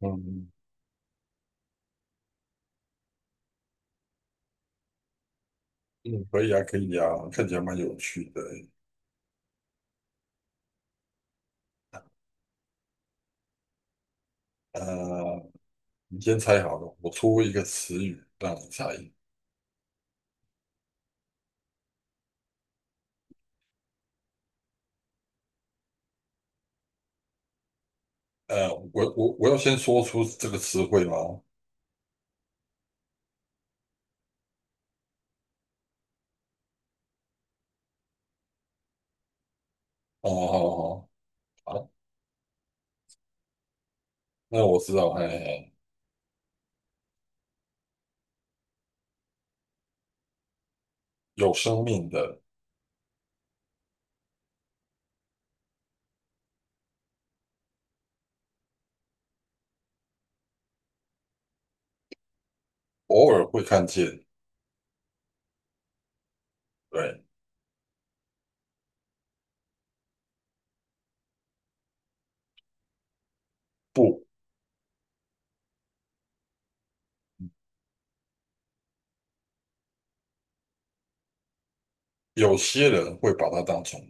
嗯，嗯，可以啊，可以啊，看起来蛮有趣的欸。呃，你先猜好了，我出一个词语让你猜。我要先说出这个词汇吗？哦，好好好，那我知道，嘿嘿。有生命的。偶尔会看见。对。不。有些人会把它当成。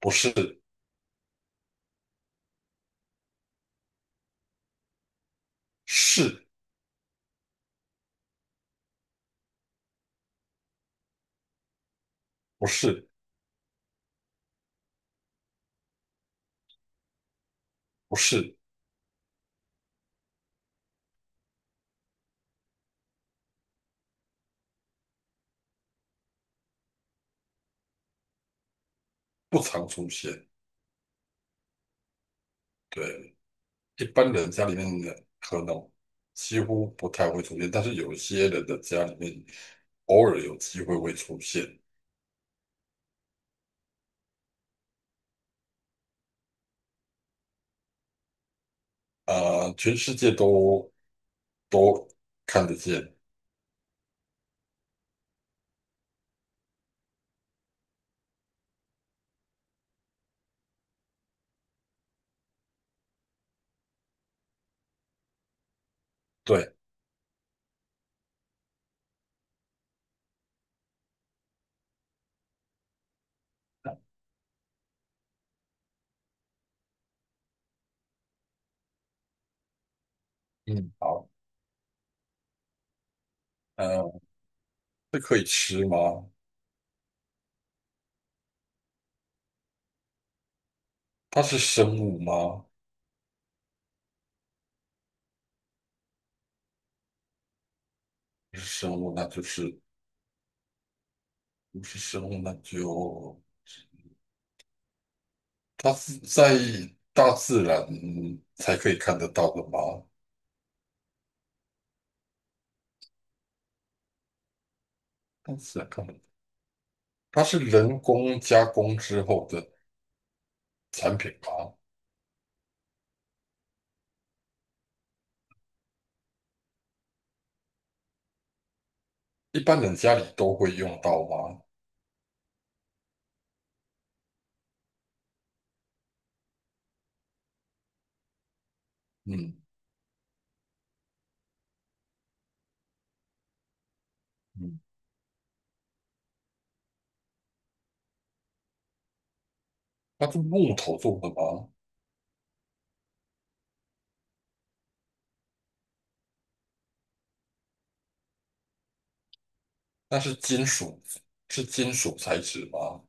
不是。是。不是。不是。不常出现。对，一般人家里面的可能几乎不太会出现，但是有些人的家里面偶尔有机会会出现。全世界都都看得见。对。嗯，好，呃，这可以吃吗？它是生物吗？不是生物，那就是不是生物，那就它是在大自然才可以看得到的吗？大自然看不到，它是人工加工之后的产品吗？一般人家里都会用到吗？嗯。嗯，它是木头做的吗？那是金属，是金属材质吗？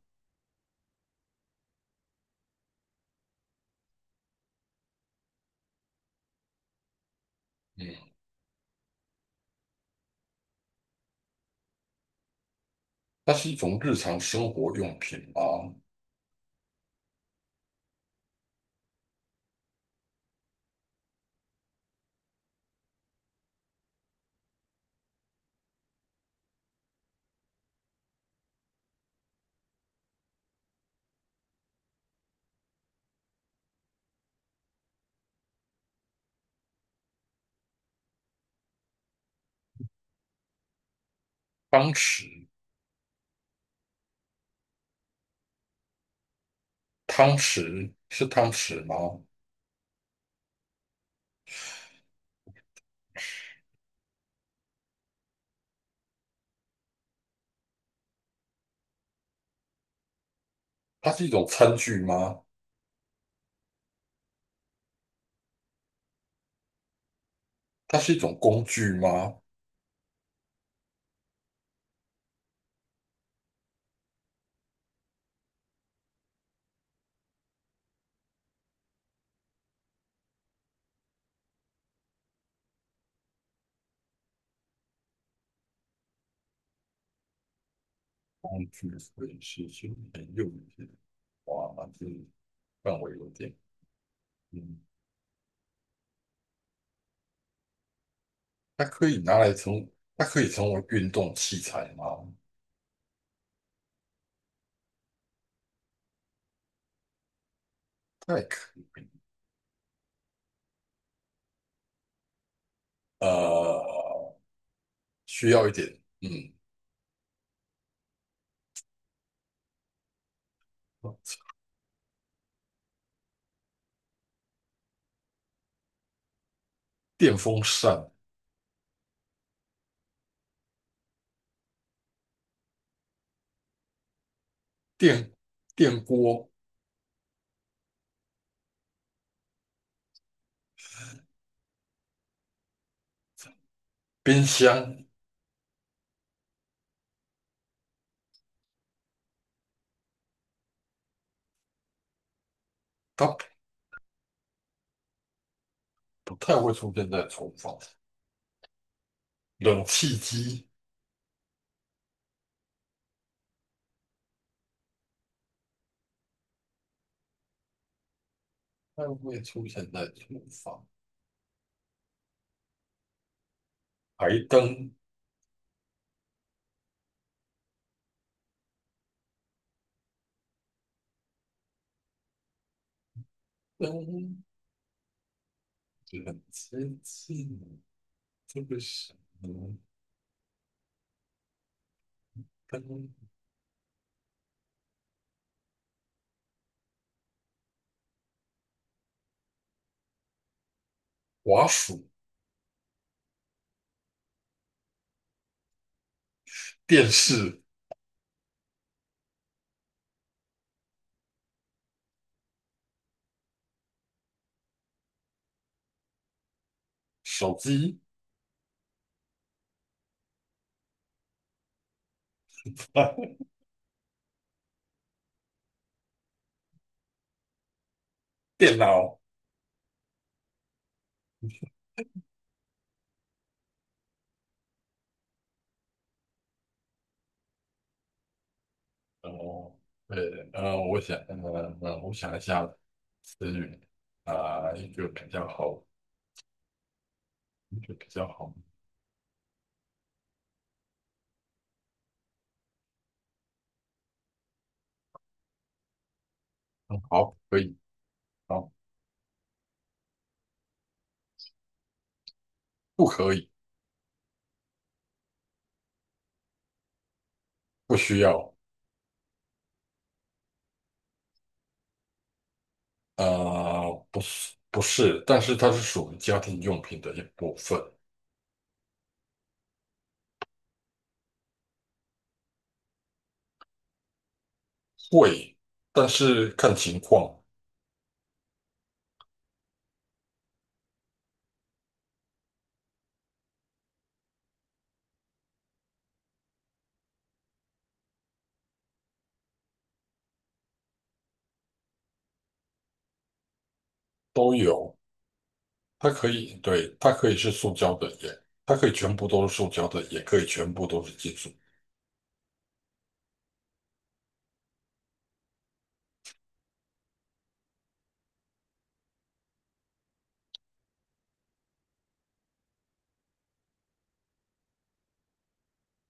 嗯，它是一种日常生活用品吗？汤匙。汤匙是汤匙吗？它是一种餐具吗？它是一种工具吗？工具所以是休闲用品，哇，那这范围有点，嗯，它可以拿来成，它可以成为运动器材吗？太可以。呃，需要一点。嗯。电风扇、电电锅、冰箱。它不太会出现在厨房。冷气机。不太会出现在厨房。台灯。冷接近。这个是嗯灯。滑鼠、电视、手机、电脑。哦，对，我想，我想一下词语啊，一个比较好，一个比较好。嗯好，可以，好。不可以。不需要。不是，不是，但是它是属于家庭用品的一部分。会，但是看情况。都有。它可以，对，它可以是塑胶的，它可以全部都是塑胶的，也可以全部都是金属。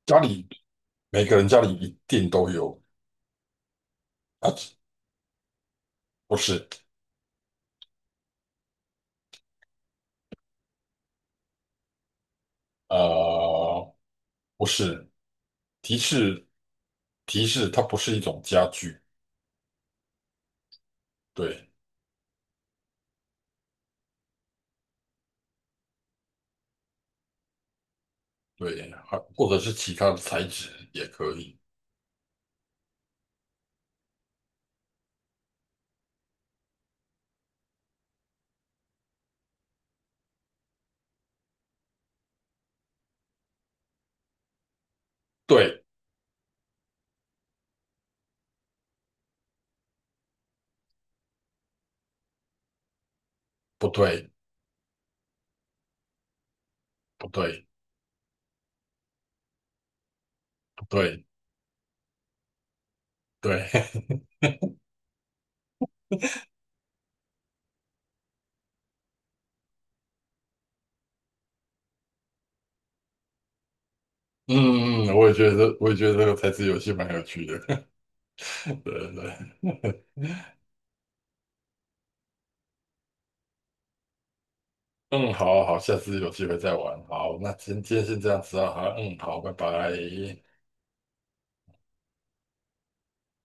家里每个人家里一定都有。啊，不是。呃，不是。提示提示，它不是一种家具。对。对，还或者是其他的材质也可以。对。不对。不对。不对。对。嗯，嗯，我也觉得这个猜字游戏蛮有趣的。对对对。嗯，好好，下次有机会再玩，好，那今天先这样子啊，好，嗯，好，拜拜。